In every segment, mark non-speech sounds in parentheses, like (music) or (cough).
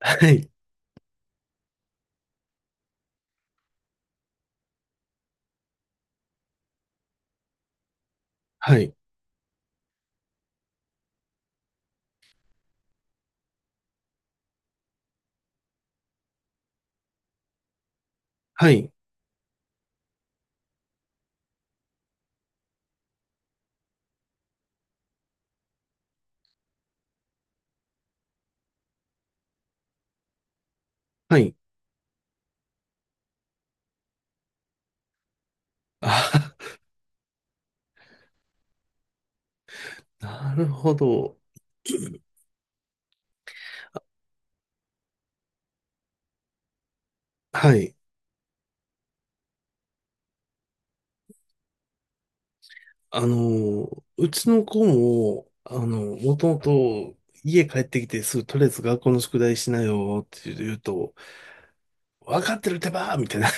はい。はい。はい。はい。あ、(laughs) なるほど。はい。うちの子も、もともと家帰ってきてすぐとりあえず学校の宿題しなよって言うと、わかってるってばーみたいな。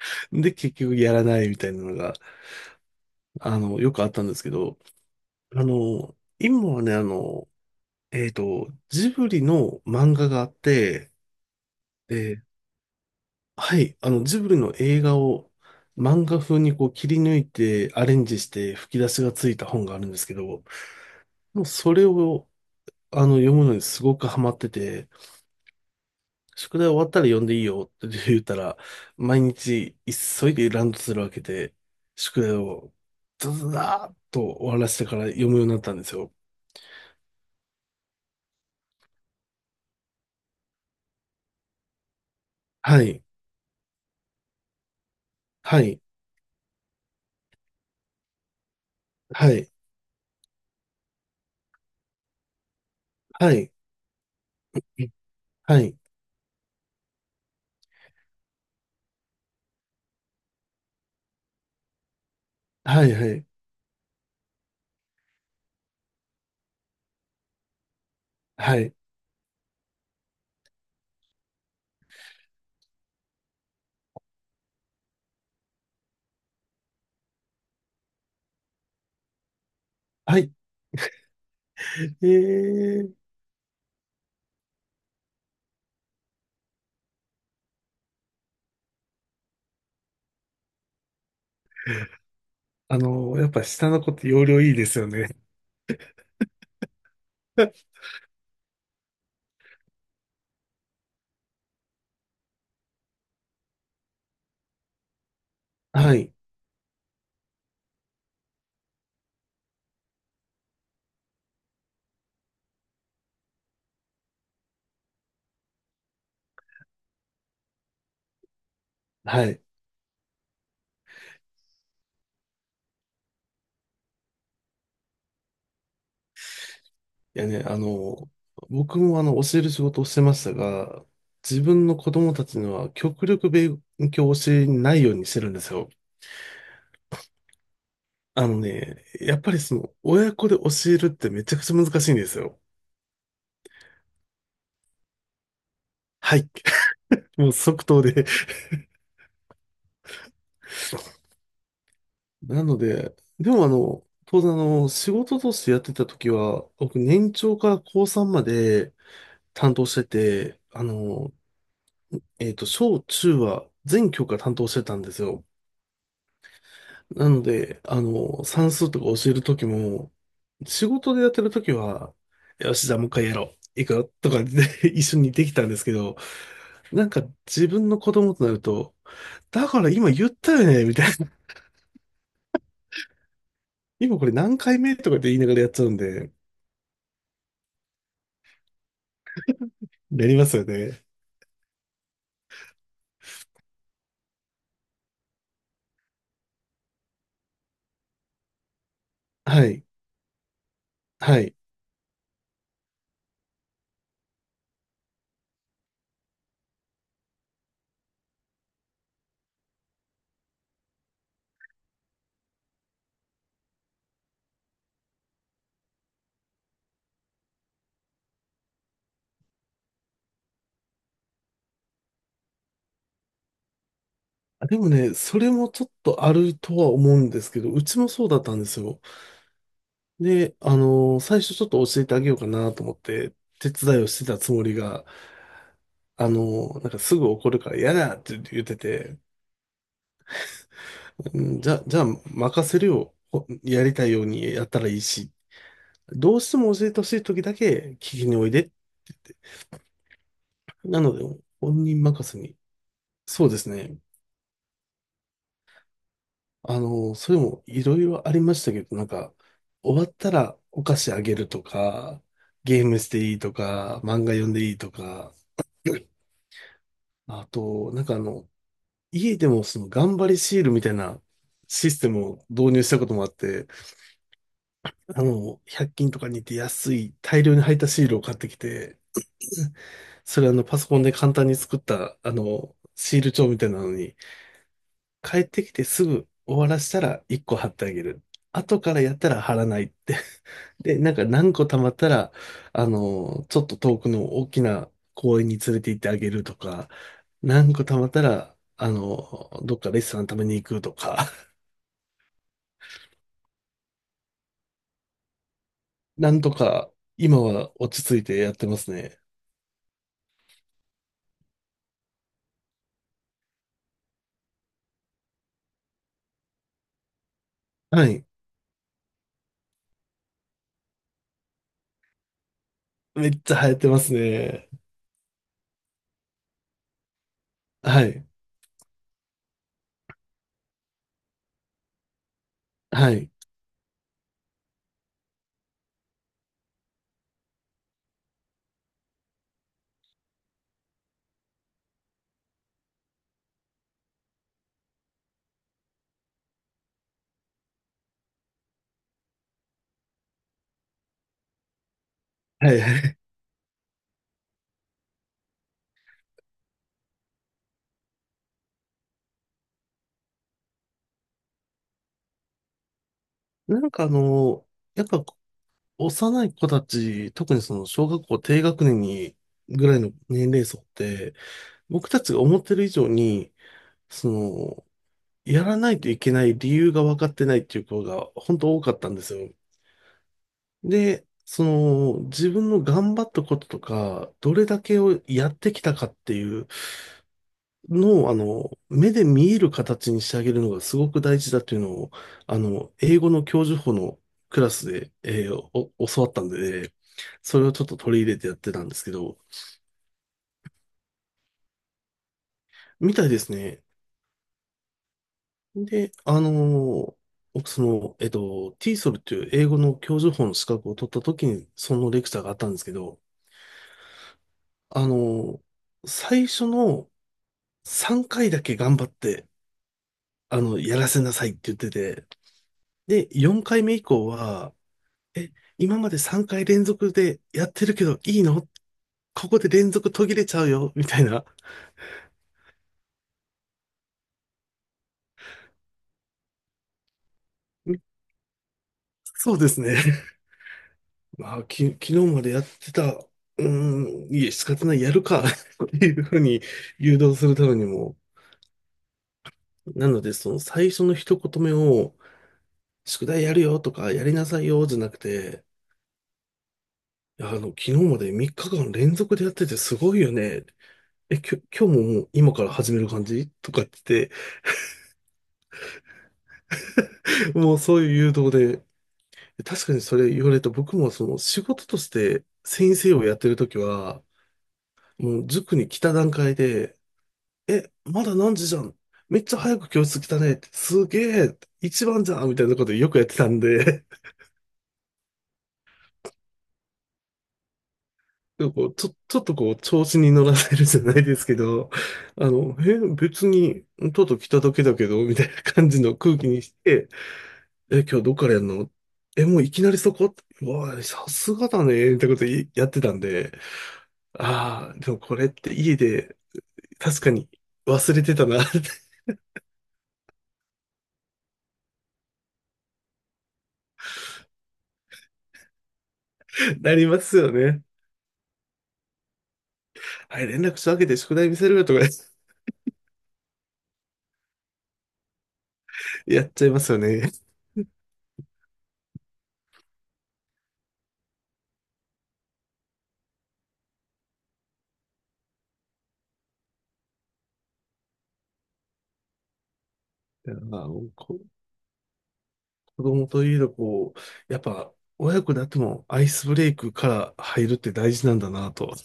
(laughs) で、結局やらないみたいなのが、よくあったんですけど、あの、今はね、ジブリの漫画があって、えはい、ジブリの映画を漫画風にこう切り抜いてアレンジして吹き出しがついた本があるんですけど、もうそれを読むのにすごくハマってて、宿題終わったら読んでいいよって (laughs) 言ったら、毎日急いでランドセルを開けて、宿題をズズダーッと終わらせてから読むようになったんですよ。はい、はい、はい、はい、はい、はい、はい、はい、はい。えーやっぱ下の子って容量いいですよね。(laughs) はい。はい。いやね、僕も教える仕事をしてましたが、自分の子供たちには極力勉強を教えないようにしてるんですよ。やっぱり親子で教えるってめちゃくちゃ難しいんですよ。はい。(laughs) もう即答で。(laughs) なので、でも、当然、仕事としてやってた時は、僕年長から高3まで担当してて、小中は全教科担当してたんですよ。なので、算数とか教えるときも、仕事でやってるときは、よし、じゃあもう一回やろう。いくよとかで (laughs) 一緒にできたんですけど、なんか自分の子供となると、だから今言ったよねみたいな。(laughs) 今これ何回目とかって言いながらやっちゃうんで、やりますよね。はい。はい。でもね、それもちょっとあるとは思うんですけど、うちもそうだったんですよ。で、最初ちょっと教えてあげようかなと思って、手伝いをしてたつもりが、なんかすぐ怒るから嫌だって言ってて、じゃあ任せるよ。やりたいようにやったらいいし、どうしても教えてほしい時だけ聞きにおいでって言って。なので、本人任せに。そうですね。それもいろいろありましたけど、なんか、終わったらお菓子あげるとか、ゲームしていいとか、漫画読んでいいとか、あと、なんか、家でもその頑張りシールみたいなシステムを導入したこともあって、100均とかに行って安い大量に入ったシールを買ってきて、それ、パソコンで簡単に作った、シール帳みたいなのに、帰ってきてすぐ終わらせたら1個貼ってあげる。後からやったら貼らないって。で、なんか何個貯まったら、ちょっと遠くの大きな公園に連れて行ってあげるとか、何個貯まったら、どっかレストラン食べに行くとか、(laughs) なんとか今は落ち着いてやってますね。はい。めっちゃ流行ってますね。はい。はい。はい。(laughs) なんか、やっぱ幼い子たち、特にその小学校低学年にぐらいの年齢層って、僕たちが思ってる以上に、その、やらないといけない理由が分かってないっていう子が本当多かったんですよ。で、その自分の頑張ったこととか、どれだけをやってきたかっていうのを、目で見える形にしてあげるのがすごく大事だっていうのを、英語の教授補のクラスで、お教わったんで、それをちょっと取り入れてやってたんですけど、みたいですね。で、僕、TESL っていう英語の教授法の資格を取った時に、そのレクチャーがあったんですけど、あのー最初の3回だけ頑張って、やらせなさいって言ってて、で、4回目以降は、え、今まで3回連続でやってるけどいいの、ここで連続途切れちゃうよみたいな。そうですね。まあ、昨日までやってた、うーん、いえ、仕方ない、やるか (laughs) っていうふうに誘導するためにも、なので、その最初の一言目を、宿題やるよとか、やりなさいよ、じゃなくて、いや、昨日まで3日間連続でやっててすごいよね。え、きょ、今日ももう今から始める感じとかって言って、もうそういう誘導で、確かにそれ言われると僕もその仕事として先生をやってるときは、もう塾に来た段階で、え、まだ何時じゃん。めっちゃ早く教室来たねって。すげえ。一番じゃんみたいなことよくやってたんで、(laughs) でもこう、ちょっとこう、調子に乗らせるじゃないですけど、別に、ちょっと来ただけだけど、みたいな感じの空気にして、え、今日どっからやるの、え、もういきなりそこ、うわあ、さすがだね、みたいなことやってたんで、ああ、でもこれって家で、確かに忘れてたな、(laughs) ってなりますよね。はい、連絡したわけで宿題見せるよとかやっちゃいますよね。(laughs) いやまあ子供といえど、こう、やっぱ、親子であってもアイスブレイクから入るって大事なんだなと、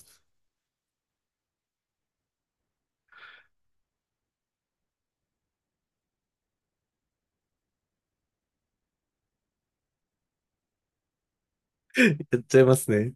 (laughs) やっちゃいますね。